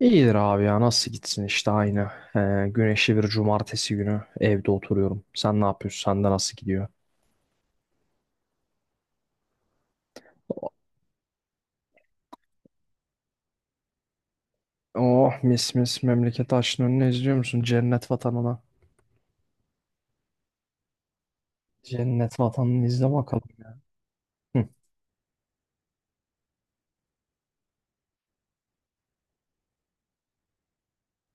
İyidir abi ya nasıl gitsin işte aynı. Güneşli bir cumartesi günü evde oturuyorum. Sen ne yapıyorsun? Sende nasıl gidiyor? Oh mis mis memleket açtın önüne izliyor musun? Cennet vatanına. Cennet vatanını izle bakalım, ya. Hı.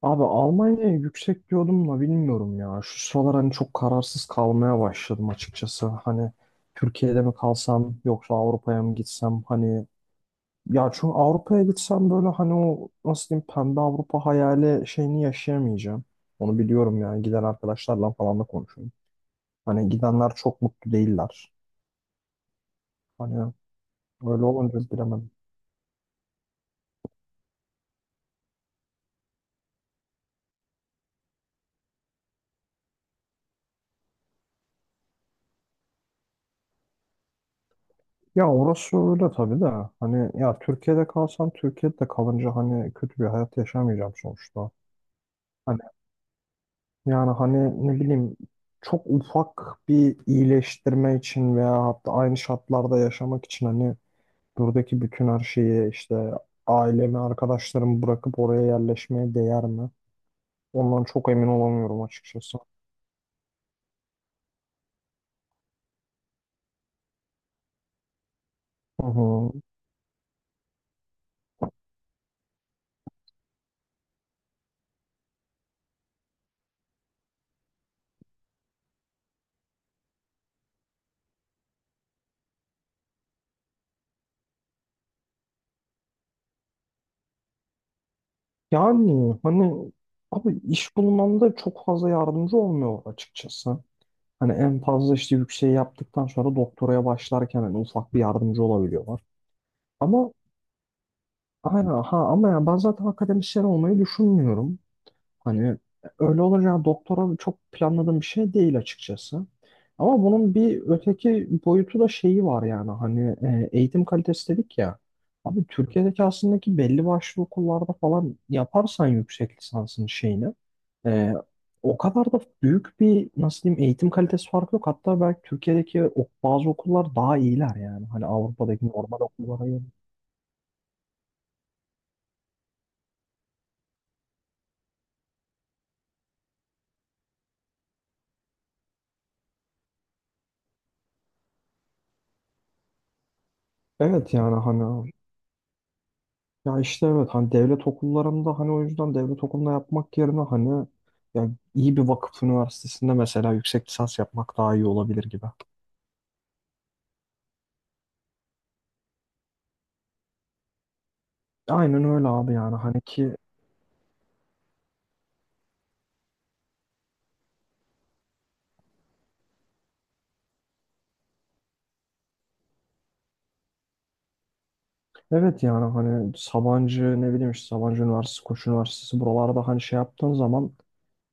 Abi Almanya'ya yüksek diyordum da bilmiyorum ya. Şu sıralar hani çok kararsız kalmaya başladım açıkçası. Hani Türkiye'de mi kalsam yoksa Avrupa'ya mı gitsem? Hani ya çünkü Avrupa'ya gitsem böyle hani o nasıl diyeyim pembe Avrupa hayali şeyini yaşayamayacağım. Onu biliyorum yani giden arkadaşlarla falan da konuşuyorum. Hani gidenler çok mutlu değiller. Hani öyle olunca bilemedim. Ya orası öyle tabii de hani ya Türkiye'de kalsam Türkiye'de de kalınca hani kötü bir hayat yaşamayacağım sonuçta. Hani yani hani ne bileyim çok ufak bir iyileştirme için veya hatta aynı şartlarda yaşamak için hani buradaki bütün her şeyi işte ailemi, arkadaşlarımı bırakıp oraya yerleşmeye değer mi? Ondan çok emin olamıyorum açıkçası. Hı hı. Yani hani abi iş bulmamda çok fazla yardımcı olmuyor açıkçası. Hani en fazla işte yükseği yaptıktan sonra doktoraya başlarken hani ufak bir yardımcı olabiliyorlar. Ama aynen ha ama ya ben zaten akademisyen olmayı düşünmüyorum. Hani öyle olunca yani doktora çok planladığım bir şey değil açıkçası. Ama bunun bir öteki boyutu da şeyi var yani hani eğitim kalitesi dedik ya. Abi Türkiye'deki aslında ki belli başlı okullarda falan yaparsan yüksek lisansın şeyini, e, o kadar da büyük bir nasıl diyeyim eğitim kalitesi farkı yok. Hatta belki Türkiye'deki bazı okullar daha iyiler yani. Hani Avrupa'daki normal okullara göre. Evet yani hani ya işte evet hani devlet okullarında hani o yüzden devlet okulunda yapmak yerine hani ya iyi bir vakıf üniversitesinde mesela yüksek lisans yapmak daha iyi olabilir gibi. Aynen öyle abi yani hani ki evet yani hani Sabancı ne bileyim işte Sabancı Üniversitesi, Koç Üniversitesi buralarda hani şey yaptığın zaman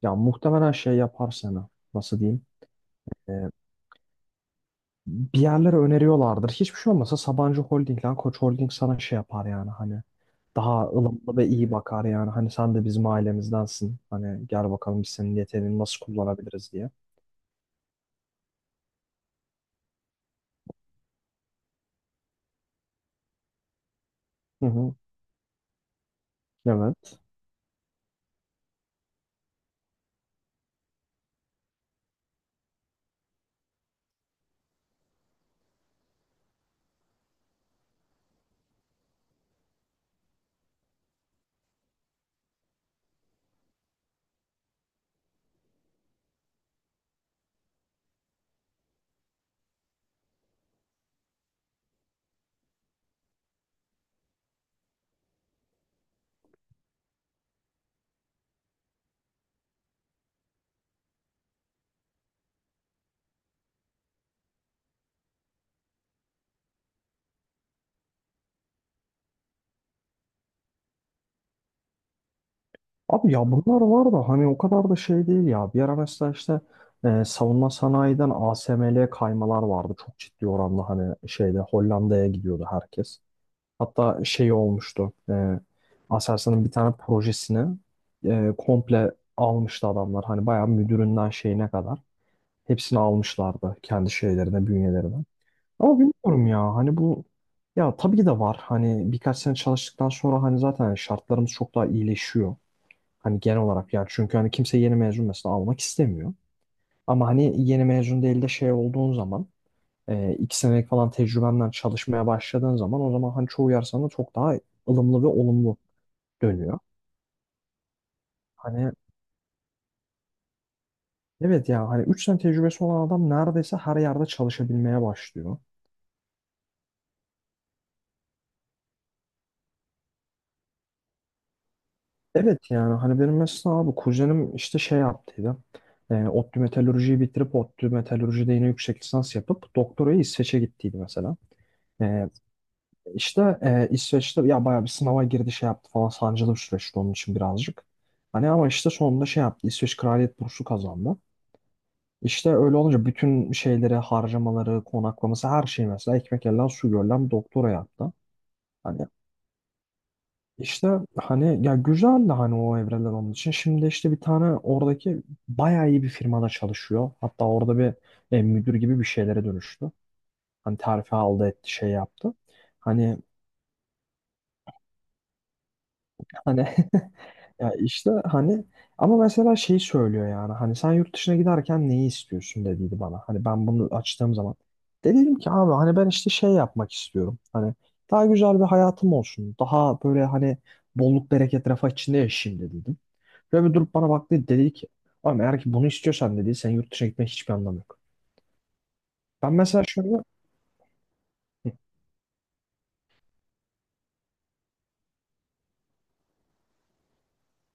ya muhtemelen şey yapar seni. Nasıl diyeyim? Bir yerlere öneriyorlardır. Hiçbir şey olmasa Sabancı Holding lan Koç Holding sana şey yapar yani hani daha ılımlı ve iyi bakar yani hani sen de bizim ailemizdensin. Hani gel bakalım biz senin yeteneğini nasıl kullanabiliriz diye. Hı hı. Evet. Abi ya bunlar var da hani o kadar da şey değil ya. Bir ara mesela işte savunma sanayiden ASML'ye kaymalar vardı. Çok ciddi oranda hani şeyde Hollanda'ya gidiyordu herkes. Hatta şey olmuştu. Aselsan'ın bir tane projesini komple almıştı adamlar. Hani bayağı müdüründen şeyine kadar. Hepsini almışlardı kendi şeylerine, bünyelerine. Ama bilmiyorum ya hani bu ya tabii ki de var. Hani birkaç sene çalıştıktan sonra hani zaten hani şartlarımız çok daha iyileşiyor. Hani genel olarak yani çünkü hani kimse yeni mezun mesela almak istemiyor. Ama hani yeni mezun değil de şey olduğun zaman 2 senelik falan tecrübenden çalışmaya başladığın zaman o zaman hani çoğu yer sana çok daha ılımlı ve olumlu dönüyor. Hani evet ya hani 3 sene tecrübesi olan adam neredeyse her yerde çalışabilmeye başlıyor. Evet yani hani benim mesela abi kuzenim işte şey yaptıydı. ODTÜ metalürjiyi bitirip ODTÜ metalürjide yine yüksek lisans yapıp doktorayı İsveç'e gittiydi mesela. E, işte İsveç'te ya bayağı bir sınava girdi şey yaptı falan sancılı bir süreçti onun için birazcık. Hani ama işte sonunda şey yaptı İsveç Kraliyet Bursu kazandı. İşte öyle olunca bütün şeyleri, harcamaları, konaklaması her şey mesela ekmek elden su görülen doktora yaptı. Hani işte hani ya güzel de hani o evreler onun için. Şimdi işte bir tane oradaki bayağı iyi bir firmada çalışıyor. Hatta orada bir müdür gibi bir şeylere dönüştü. Hani terfi aldı etti şey yaptı. Hani hani ya işte hani ama mesela şeyi söylüyor yani hani sen yurt dışına giderken neyi istiyorsun dediydi bana. Hani ben bunu açtığım zaman de dedim ki abi hani ben işte şey yapmak istiyorum. Hani daha güzel bir hayatım olsun. Daha böyle hani bolluk bereket refah içinde yaşayayım dediydim. Ve bir durup bana baktı dedi ki ama eğer ki bunu istiyorsan dedi sen yurt dışına gitmenin hiçbir anlamı yok. Ben mesela şöyle. Hı.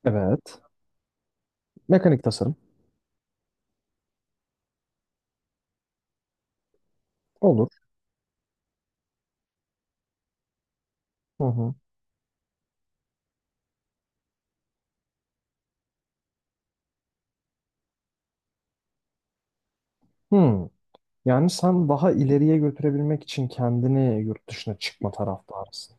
Evet. Mekanik tasarım. Olur. Hı hı. Hı. Yani sen daha ileriye götürebilmek için kendini yurt dışına çıkma taraftarısın.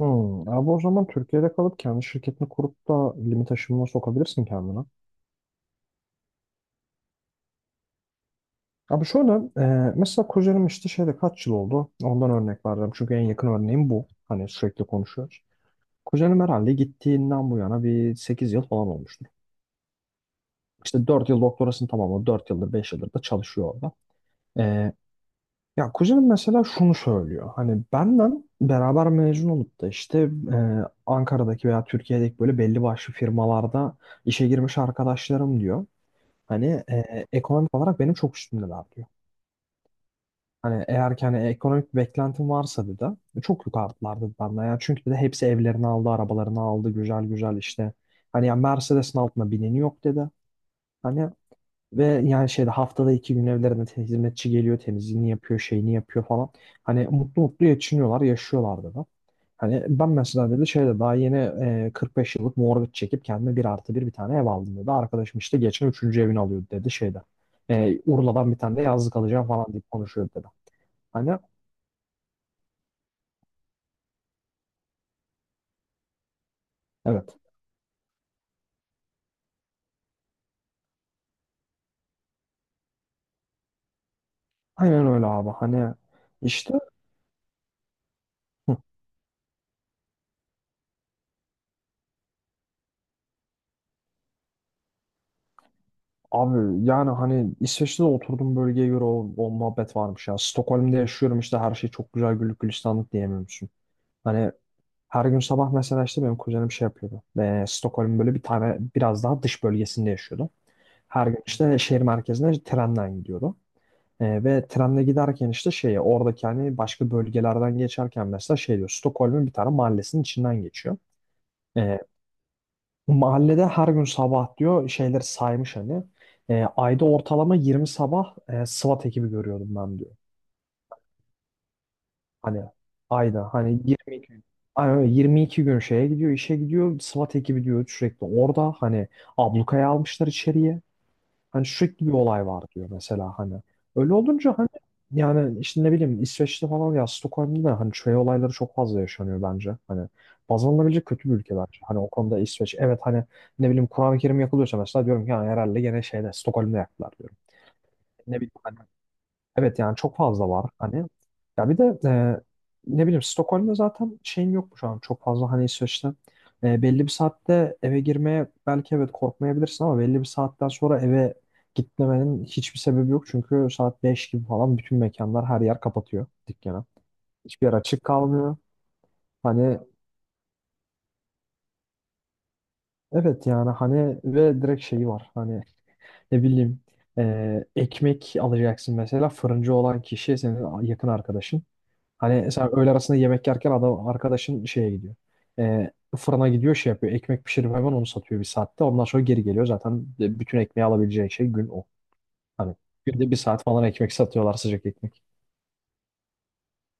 Hmm. Abi o zaman Türkiye'de kalıp kendi şirketini kurup da limit aşımına sokabilirsin kendine. Abi şöyle mesela kuzenim işte şeyde kaç yıl oldu? Ondan örnek vereceğim. Çünkü en yakın örneğim bu. Hani sürekli konuşuyoruz. Kuzenim herhalde gittiğinden bu yana bir 8 yıl falan olmuştur. İşte 4 yıl doktorasını tamamladı. 4 yıldır 5 yıldır da çalışıyor orada. E, Ya kuzenim mesela şunu söylüyor. Hani benden beraber mezun olup da işte e, Ankara'daki veya Türkiye'deki böyle belli başlı firmalarda işe girmiş arkadaşlarım diyor. Hani ekonomik olarak benim çok üstümdeler diyor. Hani eğer ki hani ekonomik bir beklentim varsa dedi çok yukarıdılar dedi benden. Yani çünkü de hepsi evlerini aldı, arabalarını aldı güzel güzel işte. Hani ya Mercedes'in altına bineni yok dedi. Hani ve yani şeyde haftada 2 gün evlerine hizmetçi geliyor, temizliğini yapıyor, şeyini yapıyor falan. Hani mutlu mutlu geçiniyorlar, yaşıyorlardı da. Hani ben mesela dedi şeyde daha yeni 45 yıllık mortgage çekip kendime 1+1 bir tane ev aldım dedi. Arkadaşım işte geçen üçüncü evini alıyordu dedi şeyde. Urla'dan bir tane de yazlık alacağım falan deyip konuşuyordu dedi. Hani evet. Aynen öyle abi. Hani işte hı, abi yani hani İsveç'te de oturduğum bölgeye göre o muhabbet varmış ya. Stockholm'de yaşıyorum işte her şey çok güzel güllük gülistanlık diyemiyorum. Hani her gün sabah mesela işte benim kuzenim şey yapıyordu. Ve Stockholm'un böyle bir tane biraz daha dış bölgesinde yaşıyordu. Her gün işte şehir merkezine trenden gidiyordu. Ve trenle giderken işte şeye oradaki hani başka bölgelerden geçerken mesela şey diyor Stockholm'un bir tane mahallesinin içinden geçiyor. Ee, Mahallede her gün sabah diyor şeyleri saymış hani. Ayda ortalama 20 sabah SWAT ekibi görüyordum ben diyor. Hani ayda hani 22 gün. Aynen öyle 22 gün şeye gidiyor, işe gidiyor. SWAT ekibi diyor sürekli orada hani ablukaya almışlar içeriye. Hani sürekli bir olay var diyor mesela hani. Öyle olunca hani yani işte ne bileyim İsveç'te falan ya Stockholm'da da hani şey olayları çok fazla yaşanıyor bence. Hani baz alınabilecek kötü bir ülke bence. Hani o konuda İsveç evet hani ne bileyim Kur'an-ı Kerim yakılıyorsa mesela diyorum ki "Ha, herhalde gene şeyde Stockholm'da yaktılar" diyorum. Ne bileyim hani evet yani çok fazla var hani. Ya bir de ne bileyim Stockholm'da zaten şeyin yok mu şu an çok fazla hani İsveç'te belli bir saatte eve girmeye belki evet korkmayabilirsin ama belli bir saatten sonra eve gitmemenin hiçbir sebebi yok. Çünkü saat 5 gibi falan bütün mekanlar her yer kapatıyor dükkanı. Hiçbir yer açık kalmıyor. Hani evet yani hani ve direkt şeyi var hani ne bileyim ekmek alacaksın mesela fırıncı olan kişi senin yakın arkadaşın. Hani sen öğle arasında yemek yerken adam arkadaşın şeye gidiyor. Ee, Fırına gidiyor şey yapıyor. Ekmek pişirip hemen onu satıyor bir saatte. Ondan sonra geri geliyor. Zaten bütün ekmeği alabileceği şey gün o. Hani günde bir saat falan ekmek satıyorlar sıcak ekmek.